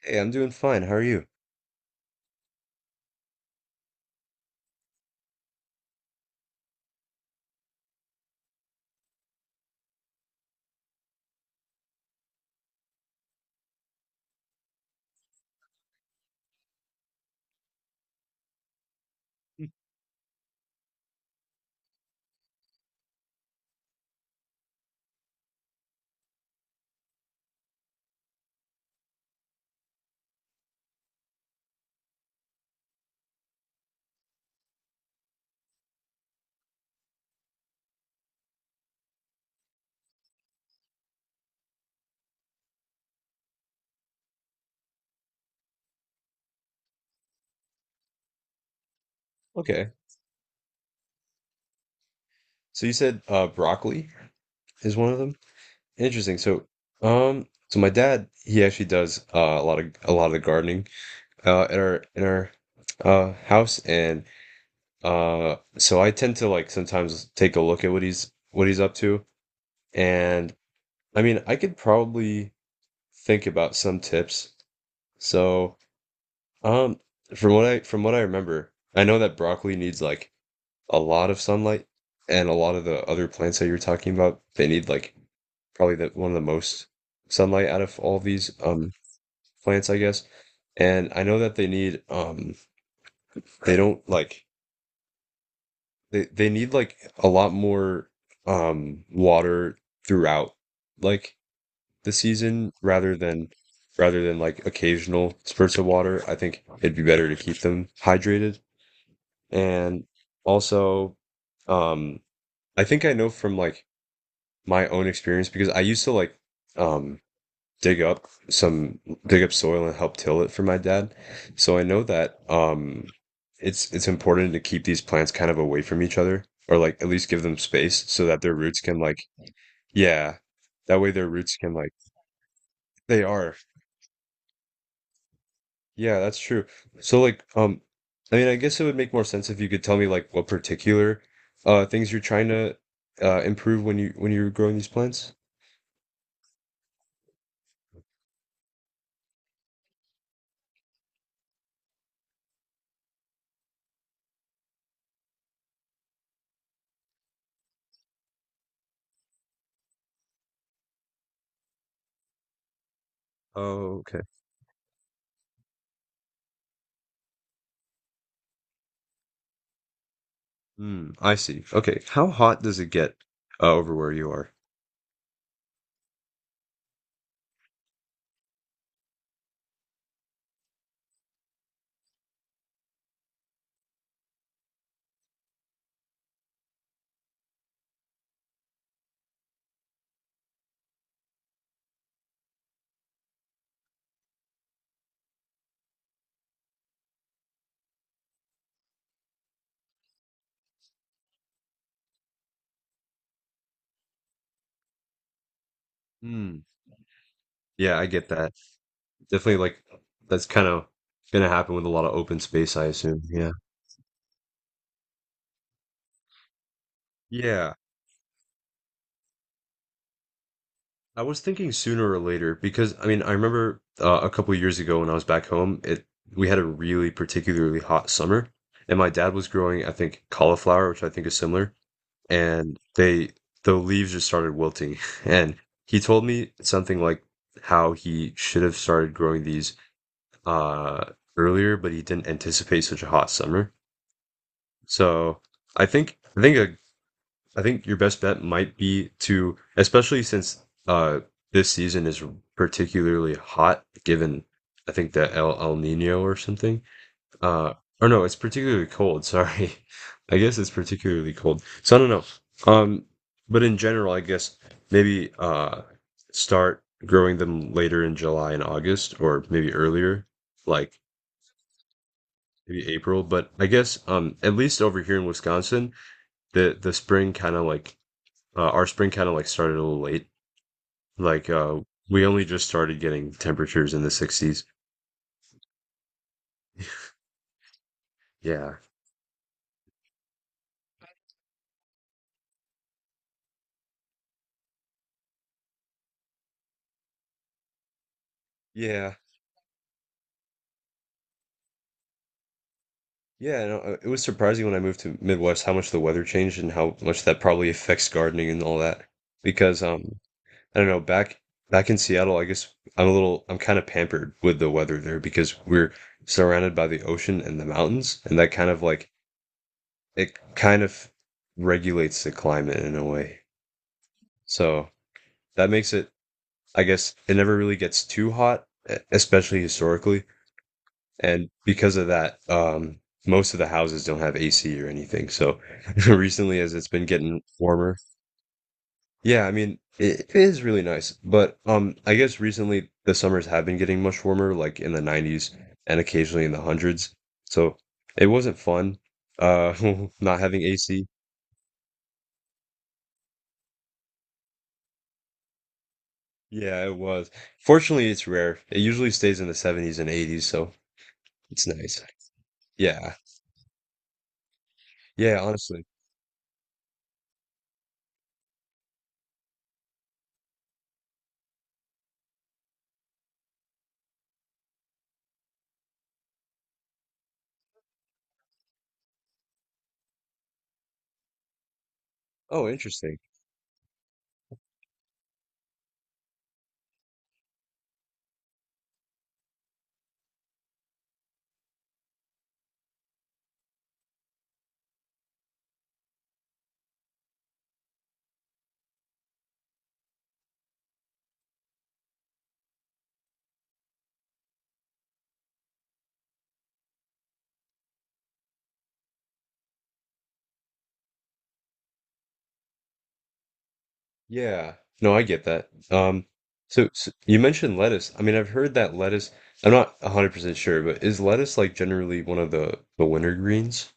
Hey, I'm doing fine. How are you? Okay. So you said broccoli is one of them? Interesting. So my dad, he actually does a lot of the gardening in our house and so I tend to like sometimes take a look at what he's up to and I mean, I could probably think about some tips. So um from what I remember, I know that broccoli needs like a lot of sunlight, and a lot of the other plants that you're talking about, they need like probably the one of the most sunlight out of all these plants, I guess. And I know that they need they don't like they need like a lot more water throughout, like, the season, rather than like occasional spurts of water. I think it'd be better to keep them hydrated. And also, um I think I know from like my own experience, because I used to like um dig up some dig up soil and help till it for my dad. So I know that it's important to keep these plants kind of away from each other, or like at least give them space so that their roots can like, yeah, that way their roots can like, they are. Yeah, that's true. So like, I mean, I guess it would make more sense if you could tell me like what particular things you're trying to improve when you when you're growing these plants. Oh, okay. Mm, I see. Okay. How hot does it get, over where you are? Mm. Yeah, I get that. Definitely, like, that's kind of gonna happen with a lot of open space, I assume. Yeah. Yeah. I was thinking sooner or later, because I mean, I remember a couple years ago when I was back home, it we had a really particularly hot summer, and my dad was growing, I think, cauliflower, which I think is similar, and they the leaves just started wilting and he told me something like how he should have started growing these uh, earlier, but he didn't anticipate such a hot summer. So I think I think a, I think your best bet might be to, especially since this season is particularly hot, given I think the El Nino or something. Uh, or no, it's particularly cold. Sorry, I guess it's particularly cold. So I don't know. Um, but in general, I guess maybe, start growing them later in July and August, or maybe earlier, like maybe April. But I guess at least over here in Wisconsin, the spring kind of like, our spring kind of like started a little late. Like we only just started getting temperatures in the 60s. Yeah. Yeah. Yeah, no, it was surprising when I moved to Midwest how much the weather changed and how much that probably affects gardening and all that. Because I don't know, back in Seattle, I guess I'm a little I'm kind of pampered with the weather there, because we're surrounded by the ocean and the mountains, and that kind of like it kind of regulates the climate in a way. So that makes it, I guess, it never really gets too hot, e- especially historically. And because of that, most of the houses don't have AC or anything. So recently, as it's been getting warmer, yeah, I mean, it is really nice. But I guess recently the summers have been getting much warmer, like in the 90s, and occasionally in the hundreds. So it wasn't fun, uh, not having AC. Yeah, it was. Fortunately, it's rare. It usually stays in the 70s and 80s, so it's nice. Yeah. Yeah, honestly. Oh, interesting. Yeah. No, I get that. So, so you mentioned lettuce. I mean, I've heard that lettuce, I'm not 100% sure, but is lettuce like generally one of the winter greens?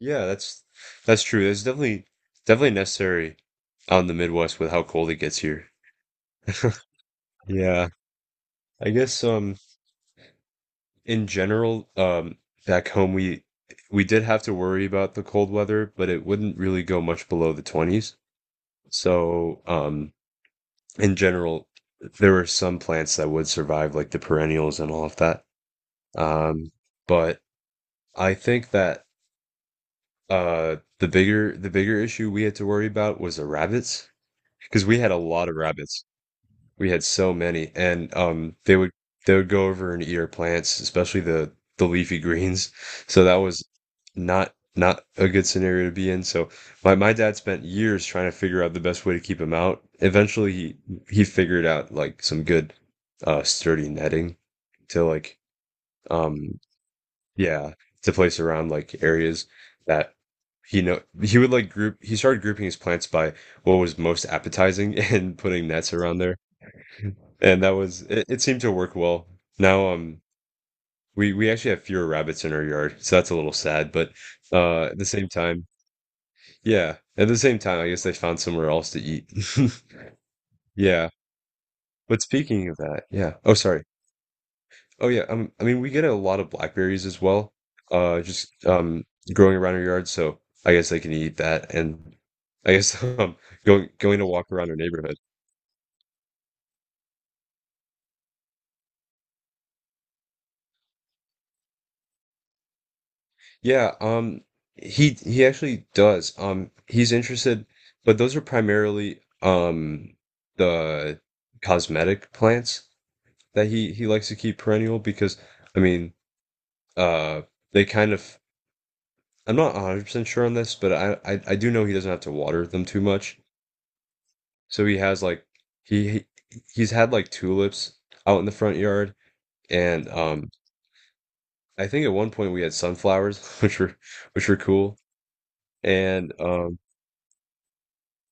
Yeah, that's true. That's definitely definitely necessary on the Midwest with how cold it gets here. Yeah, I guess in general, back home we did have to worry about the cold weather, but it wouldn't really go much below the 20s. So, in general, there were some plants that would survive, like the perennials and all of that. Um, but I think that the bigger issue we had to worry about was the rabbits, because we had a lot of rabbits. We had so many, and they would go over and eat our plants, especially the leafy greens. So that was not not a good scenario to be in. So my dad spent years trying to figure out the best way to keep them out. Eventually, he figured out like some good sturdy netting to like um yeah to place around like areas that he know he would like group he started grouping his plants by what was most appetizing and putting nets around there, and that was it, it seemed to work well. Now we actually have fewer rabbits in our yard, so that's a little sad, but at the same time, yeah, at the same time I guess they found somewhere else to eat. Yeah. But speaking of that, yeah. Oh, sorry. Oh yeah, I mean we get a lot of blackberries as well. Just growing around our yard, so I guess they can eat that and I guess going to walk around our neighborhood. Yeah, he actually does. He's interested, but those are primarily the cosmetic plants that he likes to keep perennial because I mean, uh they kind of I'm not 100% sure on this, but I do know he doesn't have to water them too much. So he has like he- he's had like tulips out in the front yard, and I think at one point we had sunflowers which were cool. And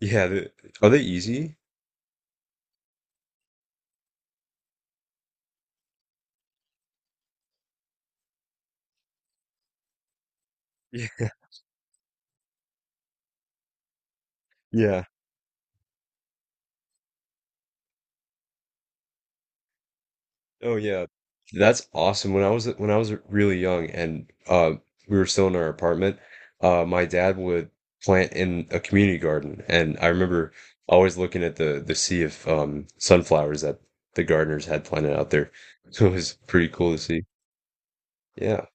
yeah, the are they easy? Yeah, yeah. Oh, yeah. That's awesome. When I was really young and we were still in our apartment, my dad would plant in a community garden, and I remember always looking at the sea of sunflowers that the gardeners had planted out there. So it was pretty cool to see. Yeah.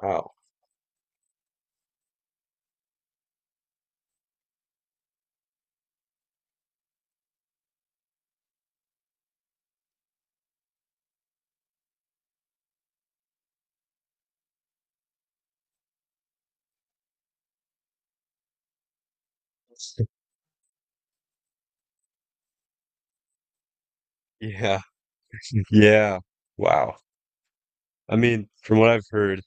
Wow. Yeah. Yeah. Wow. I mean,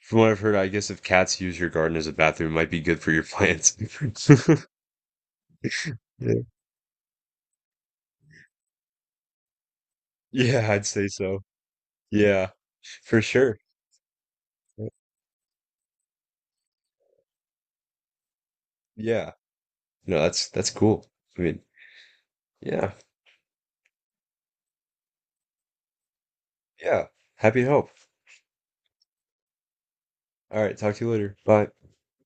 from what I've heard, I guess if cats use your garden as a bathroom, it might be good for your plants. Yeah. Yeah, I'd say so. Yeah, for sure. Yeah. No, that's cool. I mean, yeah, yeah. Happy to help. All right, talk to you later. Bye.